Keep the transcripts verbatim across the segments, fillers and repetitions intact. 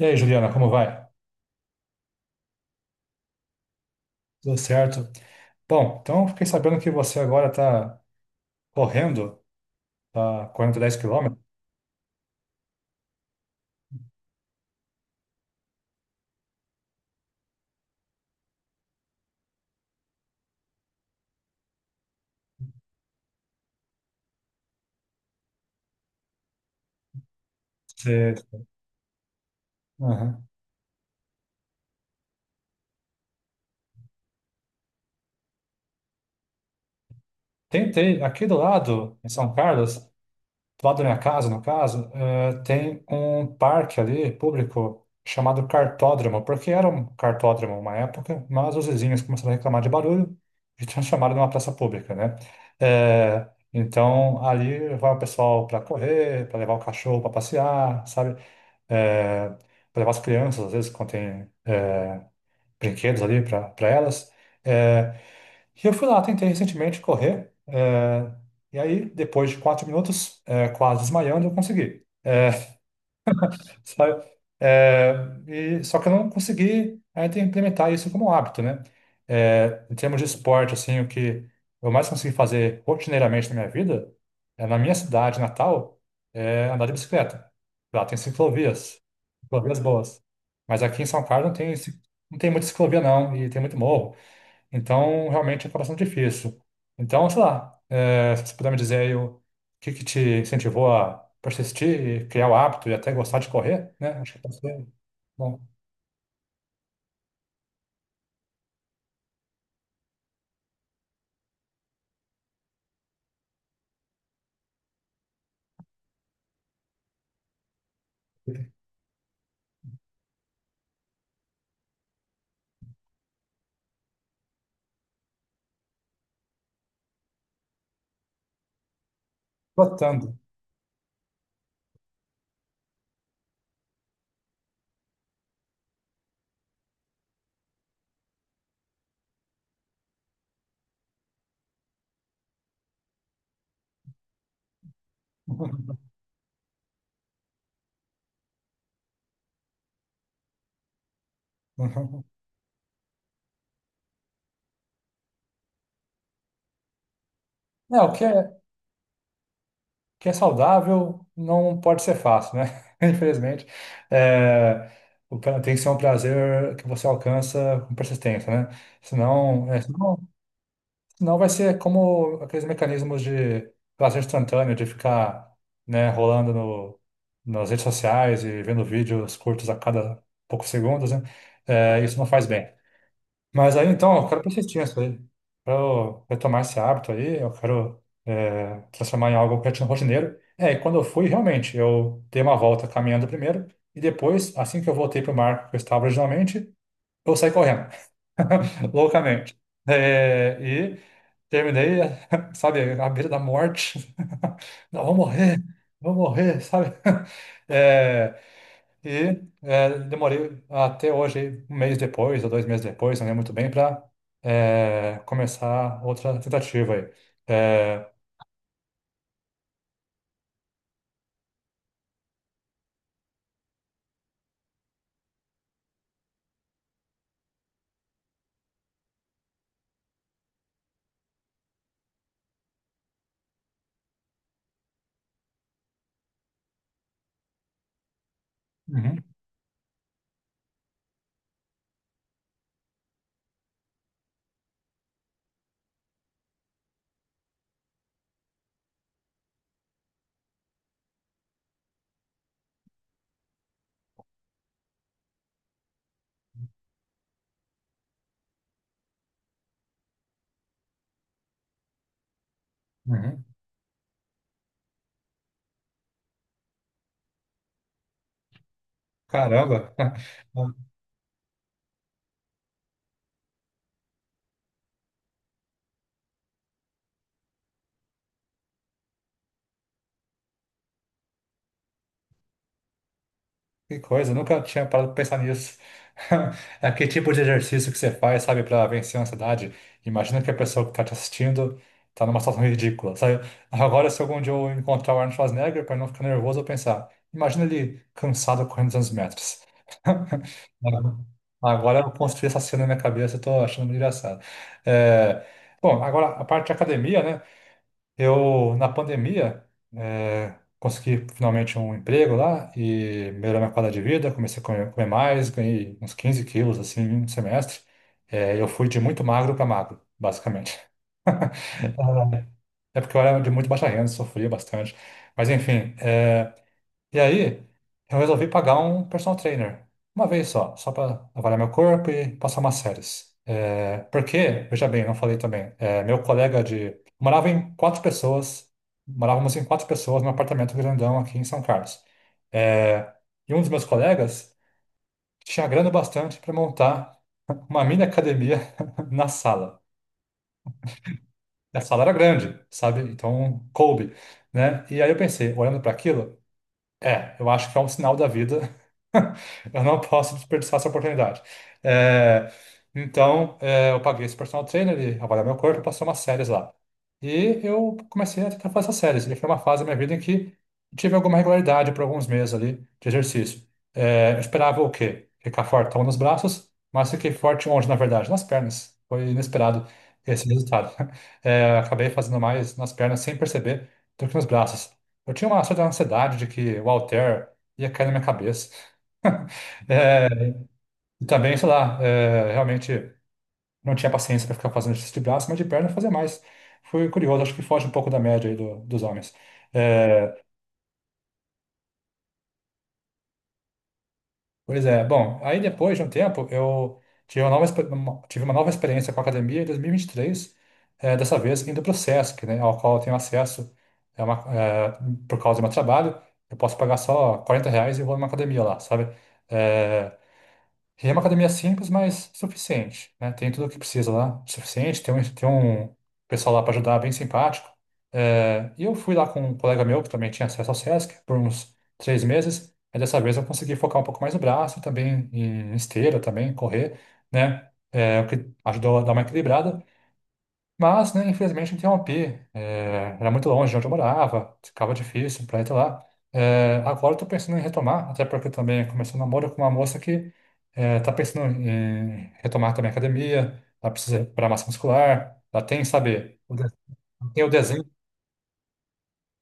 E aí, Juliana, como vai? Tudo certo? Bom, então fiquei sabendo que você agora está correndo, tá correndo dez quilômetros. Você... Uhum. Tem, tem- aqui do lado, em São Carlos, do lado da minha casa, no caso, eh, tem um parque ali, público, chamado Cartódromo, porque era um cartódromo uma época, mas os vizinhos começaram a reclamar de barulho e transformaram numa praça pública, né? Eh, então, ali vai o pessoal para correr, para levar o cachorro para passear, sabe? É, para levar as crianças, às vezes, quando tem eh, brinquedos ali para elas. Eh, e eu fui lá, tentei recentemente correr, eh, e aí, depois de quatro minutos, eh, quase desmaiando, eu consegui. É, sabe? É, e, só que eu não consegui ainda implementar isso como hábito, né? É, em termos de esporte, assim, o que eu mais consegui fazer rotineiramente na minha vida, é, na minha cidade natal, é andar de bicicleta. Lá tem ciclovias, ciclovias boas. Mas aqui em São Carlos não tem, ci- não tem muita ciclovia, não, e tem muito morro. Então, realmente é acaba sendo difícil. Então, sei lá, é, se você puder me dizer aí o que que te incentivou a persistir e criar o hábito e até gostar de correr, né? Acho que pode ser bom. Trotando. Uhum. É, o que é, o que é saudável não pode ser fácil, né? Infelizmente. É, o pra- Tem que ser um prazer que você alcança com persistência, né? Senão, é, senão Senão vai ser como aqueles mecanismos de prazer instantâneo, de ficar, né, rolando no, nas redes sociais e vendo vídeos curtos a cada poucos segundos, né? É, isso não faz bem. Mas aí então, eu quero persistir nisso aí. Quero retomar esse hábito aí, eu quero é, transformar em algo roti- rotineiro. É, e quando eu fui, realmente, eu dei uma volta caminhando primeiro e depois, assim que eu voltei para o marco que eu estava originalmente, eu saí correndo loucamente. É, e terminei, sabe, à beira da morte. Não, vou morrer, vou morrer, sabe? É, e é, Demorei até hoje, um mês depois, ou dois meses depois, não lembro muito bem, para começar outra tentativa aí. É, uhum, uhum. Caramba! Que coisa, eu nunca tinha parado pra pensar nisso. É que tipo de exercício que você faz, sabe, pra vencer a ansiedade? Imagina que a pessoa que tá te assistindo tá numa situação ridícula, sabe? Agora, se algum dia eu encontrar o Arnold Schwarzenegger, pra não ficar nervoso, eu pensar, imagina ele cansado correndo 200 metros. Agora eu construí essa cena na minha cabeça, eu tô achando muito engraçado. É, Bom, agora a parte de academia, né? Eu, na pandemia, eh, consegui finalmente um emprego lá e melhorou minha qualidade de vida, comecei a comer, comer mais, ganhei uns quinze quilos, assim, em um semestre. Eh, eu fui de muito magro para magro, basicamente. É porque eu era de muito baixa renda, sofria bastante. Mas, enfim, eh, e aí, eu resolvi pagar um personal trainer. Uma vez só, só para avaliar meu corpo e passar umas séries. É, porque, veja bem, não falei também, é, meu colega de. Morava em quatro pessoas, morávamos em quatro pessoas num apartamento grandão aqui em São Carlos. É, e um dos meus colegas tinha grana bastante para montar uma mini academia na sala. E A sala era grande, sabe? Então coube, né? E aí eu pensei, olhando para aquilo. É, eu acho que é um sinal da vida. Eu não posso desperdiçar essa oportunidade. É, então, é, eu paguei esse personal trainer, ele avaliou meu corpo, passou umas séries lá. E eu comecei a tentar fazer essas séries. E foi uma fase da minha vida em que tive alguma regularidade por alguns meses ali de exercício. É, eu esperava o quê? Ficar fortão nos braços, mas fiquei forte onde, na verdade? Nas pernas. Foi inesperado esse resultado. É, acabei fazendo mais nas pernas sem perceber do que nos braços. Eu tinha uma certa ansiedade de que o Altair ia cair na minha cabeça. É, e também, sei lá, é, realmente não tinha paciência para ficar fazendo exercício de braço, mas de perna eu fazia mais. Foi curioso, acho que foge um pouco da média aí do- dos homens. É, Pois é, bom, aí depois de um tempo eu tive uma nova, exper- uma- tive uma nova experiência com a academia em dois mil e vinte e três, é, dessa vez indo para o Sesc, né, ao qual eu tenho acesso é uma- é, por causa do meu trabalho. Eu posso pagar só quarenta reais e vou numa academia lá, sabe? É, E é uma academia simples, mas suficiente, né? Tem tudo o que precisa lá, suficiente. Tem um, tem um pessoal lá para ajudar, bem simpático. É, e eu fui lá com um colega meu, que também tinha acesso ao SESC, por uns três meses. Aí dessa vez eu consegui focar um pouco mais no braço, e também em esteira, também correr, né? É, o que ajudou a dar uma equilibrada. Mas, né, infelizmente, não tinha um A P. É, era muito longe de onde eu morava, ficava difícil para ir até lá. É, agora eu tô pensando em retomar, até porque eu também comecei um namoro com uma moça que é, tá pensando em retomar também a academia, ela precisa recuperar massa muscular, ela tem, sabe, o de- tem o desenho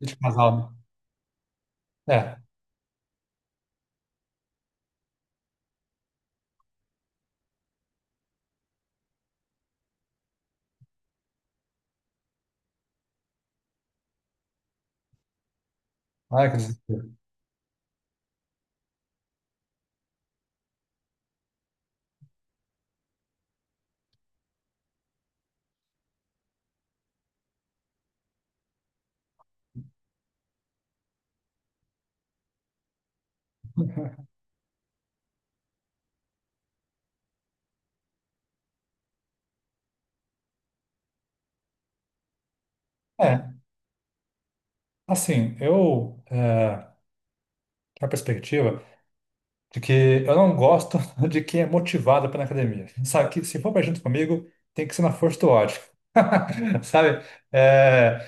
de casal. Né? É, ai, que desespero. É, assim, eu, é, tinha uma perspectiva de que eu não gosto de quem é motivado para ir na academia. Sabe que se for pra junto comigo, tem que ser na força do ódio. Sabe? É,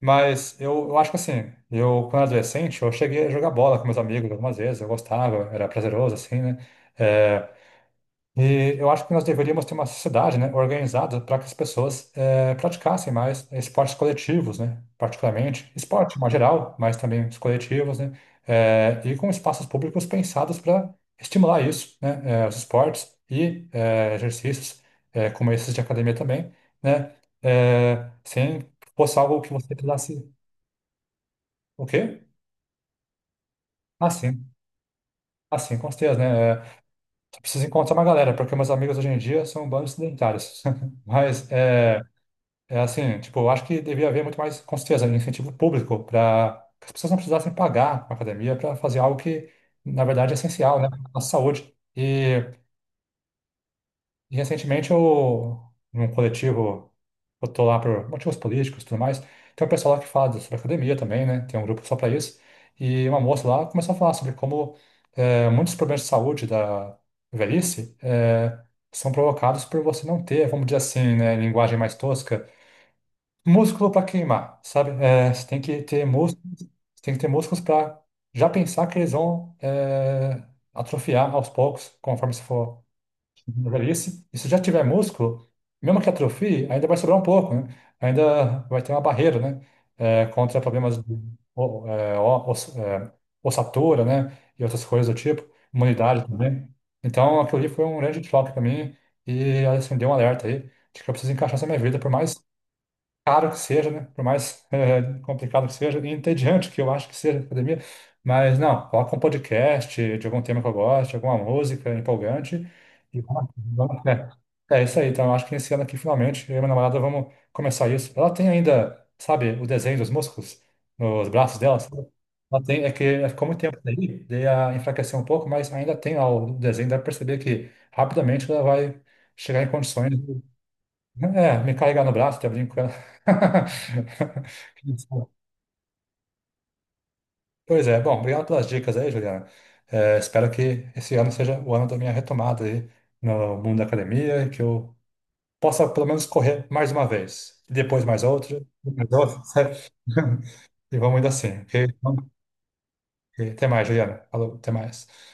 mas eu, eu acho que assim, eu quando era adolescente, eu cheguei a jogar bola com meus amigos algumas vezes, eu gostava, era prazeroso assim, né? É, e eu acho que nós deveríamos ter uma sociedade, né, organizada para que as pessoas eh, praticassem mais esportes coletivos, né, particularmente esporte, em geral, mas também os coletivos, né, eh, e com espaços públicos pensados para estimular isso, né, eh, os esportes e eh, exercícios eh, como esses de academia também, né, eh, sem que fosse algo que você precisasse, o quê? Assim, assim, com certeza, né, eh, só precisa encontrar uma galera, porque meus amigos hoje em dia são um bando de sedentários, mas é, é assim, tipo, eu acho que devia haver muito mais, com certeza, incentivo público para que as pessoas não precisassem pagar a academia para fazer algo que, na verdade, é essencial, né, para a nossa saúde. E, e recentemente eu, num coletivo, eu tô lá por motivos políticos e tudo mais, tem um pessoal lá que fala sobre academia também, né, tem um grupo só para isso, e uma moça lá começou a falar sobre como eh, muitos problemas de saúde da velhice eh, são provocados por você não ter, vamos dizer assim, né, linguagem mais tosca, músculo para queimar, sabe? É, você tem que ter músculos, você tem que ter músculos para já pensar que eles vão é, atrofiar aos poucos, conforme você for na velhice. E se já tiver músculo, mesmo que atrofie, ainda vai sobrar um pouco, né? Ainda vai ter uma barreira, né? É, contra problemas de o- é, o- oss- é, ossatura, né? E outras coisas do tipo, imunidade também. Então, aquilo ali foi um grande choque para mim e acendeu um alerta aí de que eu preciso encaixar essa minha vida por mais caro que seja, né? Por mais eh, complicado que seja, e entediante que eu acho que seja a academia, mas não, coloca um podcast de algum tema que eu gosto, alguma música empolgante, e vamos, vamos, é, é isso aí, então eu acho que esse ano aqui, finalmente, eu e minha namorada vamos começar isso. Ela tem ainda, sabe, o desenho dos músculos nos braços dela, sabe? Ela tem, é que é, ficou muito tempo daí, daí a enfraqueceu um pouco, mas ainda tem lá o desenho, dá pra perceber que rapidamente ela vai chegar em condições. É, me carregar no braço, tá brincando. Pois é, bom, obrigado pelas dicas aí, Juliana. É, espero que esse ano seja o ano da minha retomada aí no mundo da academia e que eu possa pelo menos correr mais uma vez, e depois mais outra, depois outra, sabe? E vamos indo assim, ok? Então, ok, Até mais, Juliana. Falou, até mais.